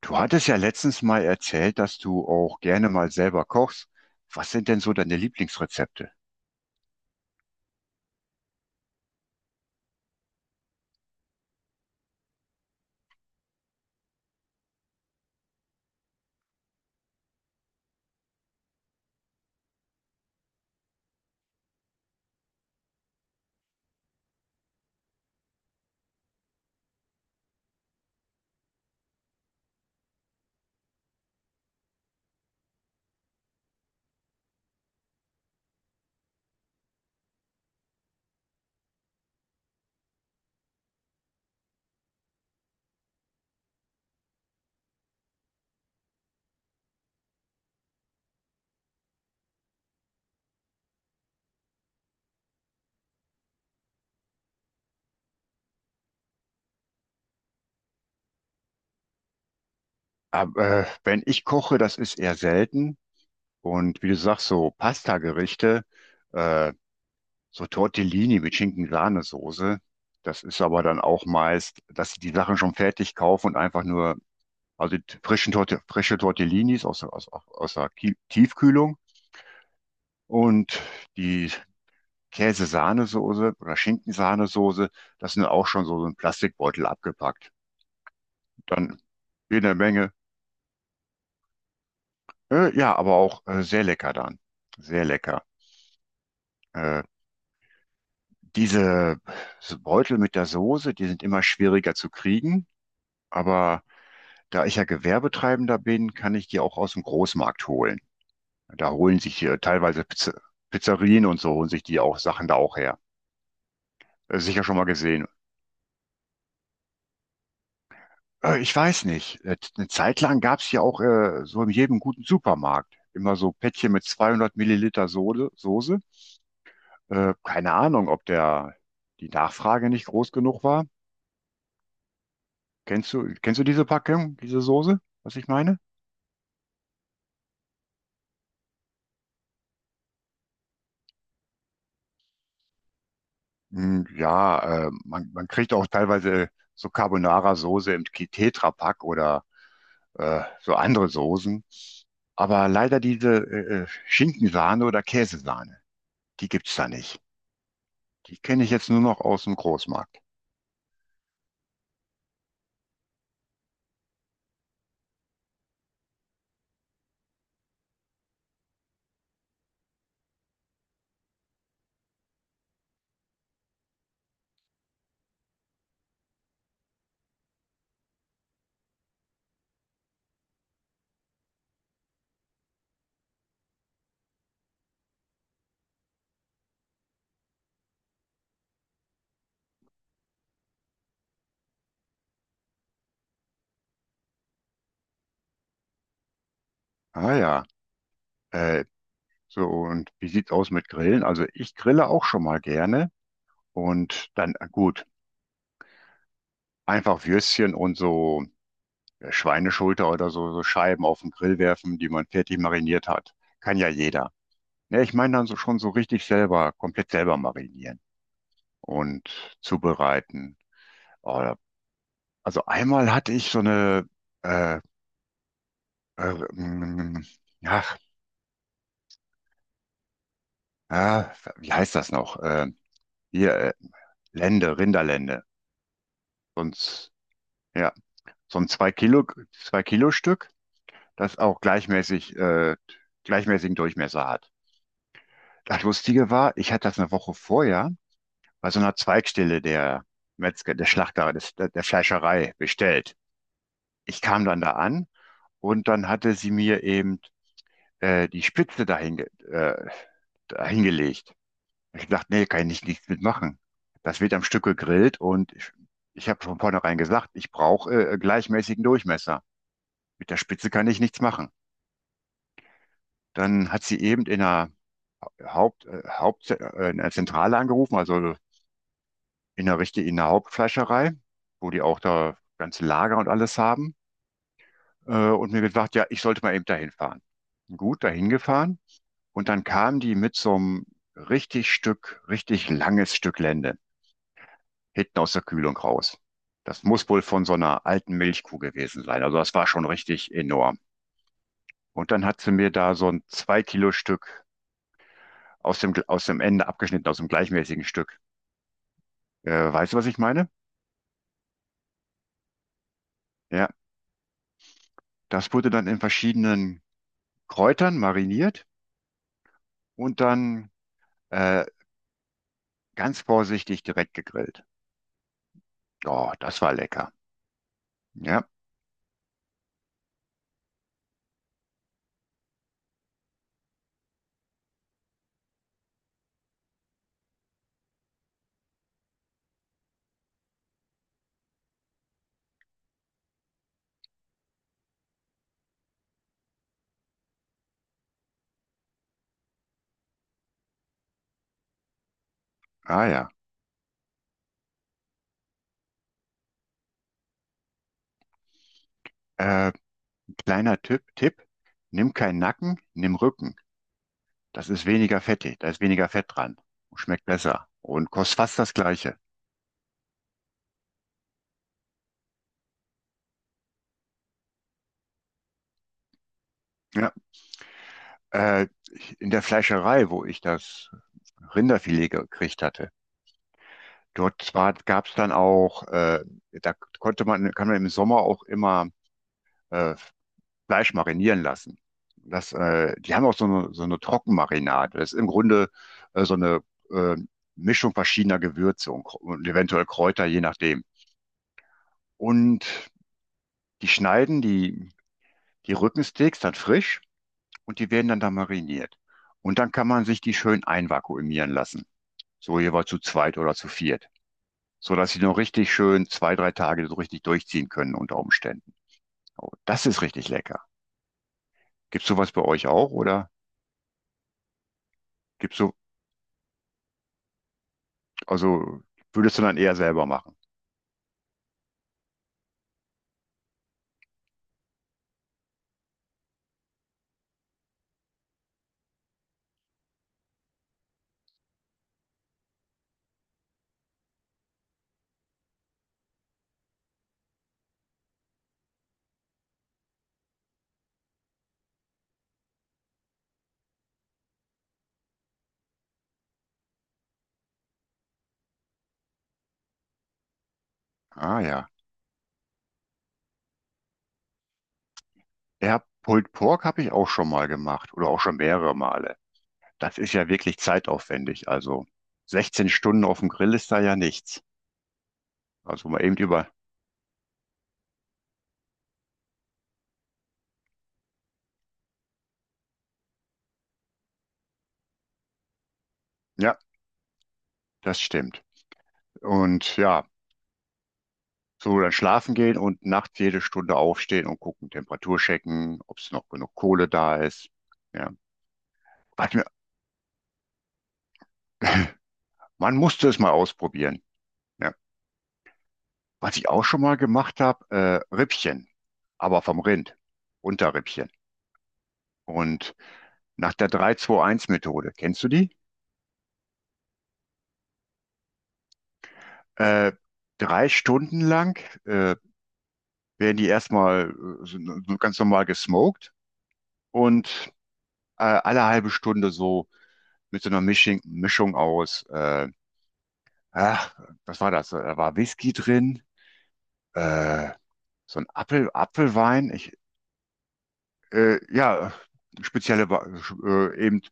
Du hattest ja letztens mal erzählt, dass du auch gerne mal selber kochst. Was sind denn so deine Lieblingsrezepte? Aber, wenn ich koche, das ist eher selten. Und wie du sagst, so Pasta-Gerichte, äh, So Tortellini mit Schinken-Sahnesoße. Das ist aber dann auch meist, dass sie die Sachen schon fertig kaufen und einfach nur, also die frische Tortellinis aus der Tiefkühlung und die Käse-Sahnesoße oder Schinken-Sahnesoße, das sind auch schon so ein Plastikbeutel abgepackt. Dann jede Menge, ja, aber auch sehr lecker dann. Sehr lecker. Äh, Diese Beutel mit der Soße, die sind immer schwieriger zu kriegen, aber da ich ja Gewerbetreibender bin, kann ich die auch aus dem Großmarkt holen. Da holen sich hier teilweise Pizzerien und so holen sich die auch Sachen da auch her. Sicher schon mal gesehen. Ich weiß nicht. Eine Zeit lang gab es ja auch so in jedem guten Supermarkt immer so Päckchen mit 200 Milliliter Soße. Keine Ahnung, ob der die Nachfrage nicht groß genug war. Kennst du diese Packung, diese Soße, was ich meine? Hm, ja, man kriegt auch teilweise so Carbonara-Soße im Tetrapack oder so andere Soßen. Aber leider diese Schinkensahne oder Käsesahne, die gibt's da nicht. Die kenne ich jetzt nur noch aus dem Großmarkt. Ah ja, äh, so und wie sieht's aus mit Grillen? Also ich grille auch schon mal gerne und dann gut, einfach Würstchen und so Schweineschulter oder so, so Scheiben auf den Grill werfen, die man fertig mariniert hat. Kann ja jeder. Ja, ich meine dann so schon so richtig selber, komplett selber marinieren und zubereiten. Oh, also einmal hatte ich so eine, äh, äh, mm, ach, ja, wie heißt das noch? Hier, äh, Lende, Rinderlende. Sonst, ja, so ein zwei Kilo, zwei Kilo Stück, das auch gleichmäßigen Durchmesser hat. Das Lustige war, ich hatte das eine Woche vorher bei so einer Zweigstelle der Metzger, der Schlachter, des, der, der Fleischerei bestellt. Ich kam dann da an und dann hatte sie mir eben die Spitze dahingelegt. Ich dachte, nee, kann ich nicht, nichts mitmachen. Das wird am Stück gegrillt und ich habe von vornherein gesagt, ich brauche gleichmäßigen Durchmesser. Mit der Spitze kann ich nichts machen. Dann hat sie eben in der in der Zentrale angerufen, also in der richtigen, in der Hauptfleischerei, wo die auch da ganze Lager und alles haben, und mir gesagt, ja, ich sollte mal eben dahin fahren. Gut, dahin gefahren. Und dann kamen die mit so einem richtig langes Stück Lende hinten aus der Kühlung raus. Das muss wohl von so einer alten Milchkuh gewesen sein. Also das war schon richtig enorm. Und dann hat sie mir da so ein zwei Kilo Stück aus aus dem Ende abgeschnitten, aus dem gleichmäßigen Stück. Weißt du, was ich meine? Ja, das wurde dann in verschiedenen Kräutern mariniert und dann äh, ganz vorsichtig direkt gegrillt. Oh, das war lecker. Ja, ah ja. Äh, Kleiner Tipp, nimm keinen Nacken, nimm Rücken. Das ist weniger fettig, da ist weniger Fett dran. Und schmeckt besser und kostet fast das Gleiche. Ja, äh, in der Fleischerei, wo ich das Rinderfilet gekriegt hatte, dort zwar gab es dann da konnte kann man im Sommer auch immer äh, Fleisch marinieren lassen. Die haben auch so eine Trockenmarinade. Das ist im Grunde so eine äh, Mischung verschiedener Gewürze und eventuell Kräuter, je nachdem. Und die die Rückensteaks dann frisch und die werden dann da mariniert. Und dann kann man sich die schön einvakuumieren lassen. So jeweils zu zweit oder zu viert. So dass sie noch richtig schön zwei, drei Tage so richtig durchziehen können unter Umständen. Oh, das ist richtig lecker. Gibt's sowas bei euch auch oder gibt's so, also würdest du dann eher selber machen? Ah ja. Ja, Pulled Pork habe ich auch schon mal gemacht oder auch schon mehrere Male. Das ist ja wirklich zeitaufwendig. Also 16 Stunden auf dem Grill ist da ja nichts. Also mal eben über. Ja, das stimmt. Und ja, so dann schlafen gehen und nachts jede Stunde aufstehen und gucken, Temperatur checken, ob es noch genug Kohle da ist. Ja, was mir, man musste es mal ausprobieren. Ja, was ich auch schon mal gemacht habe, Rippchen, aber vom Rind, Unterrippchen. Und nach der drei zwei eins methode kennst du die? Äh, Drei Stunden lang äh, werden die erstmal äh, so, so ganz normal gesmoked und alle halbe Stunde so mit so einer Mischung aus, ach, was war das? Da war Whisky drin, äh, Apfelwein. Ja, spezielle, Wa- eben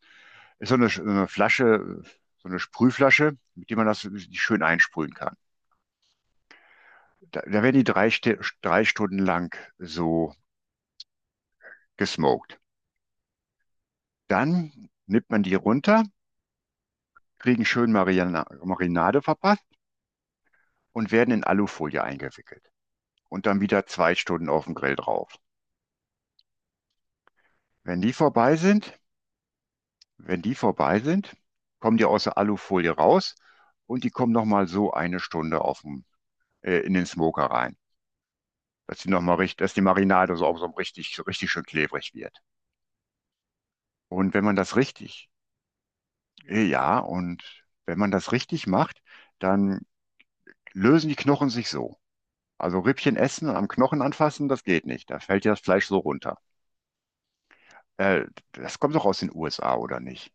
ist so eine Flasche, so eine Sprühflasche, mit der man das schön einsprühen kann. Da werden die drei Stunden lang so gesmoked. Dann nimmt man die runter, kriegen schön Marinade verpasst und werden in Alufolie eingewickelt. Und dann wieder zwei Stunden auf dem Grill drauf. Wenn die vorbei sind, wenn die vorbei sind, kommen die aus der Alufolie raus und die kommen nochmal so eine Stunde auf in den Smoker rein, dass die dass die Marinade so richtig schön klebrig wird. Und wenn man das richtig macht, dann lösen die Knochen sich so. Also Rippchen essen und am Knochen anfassen, das geht nicht. Da fällt ja das Fleisch so runter. Äh, Das kommt doch aus den USA, oder nicht?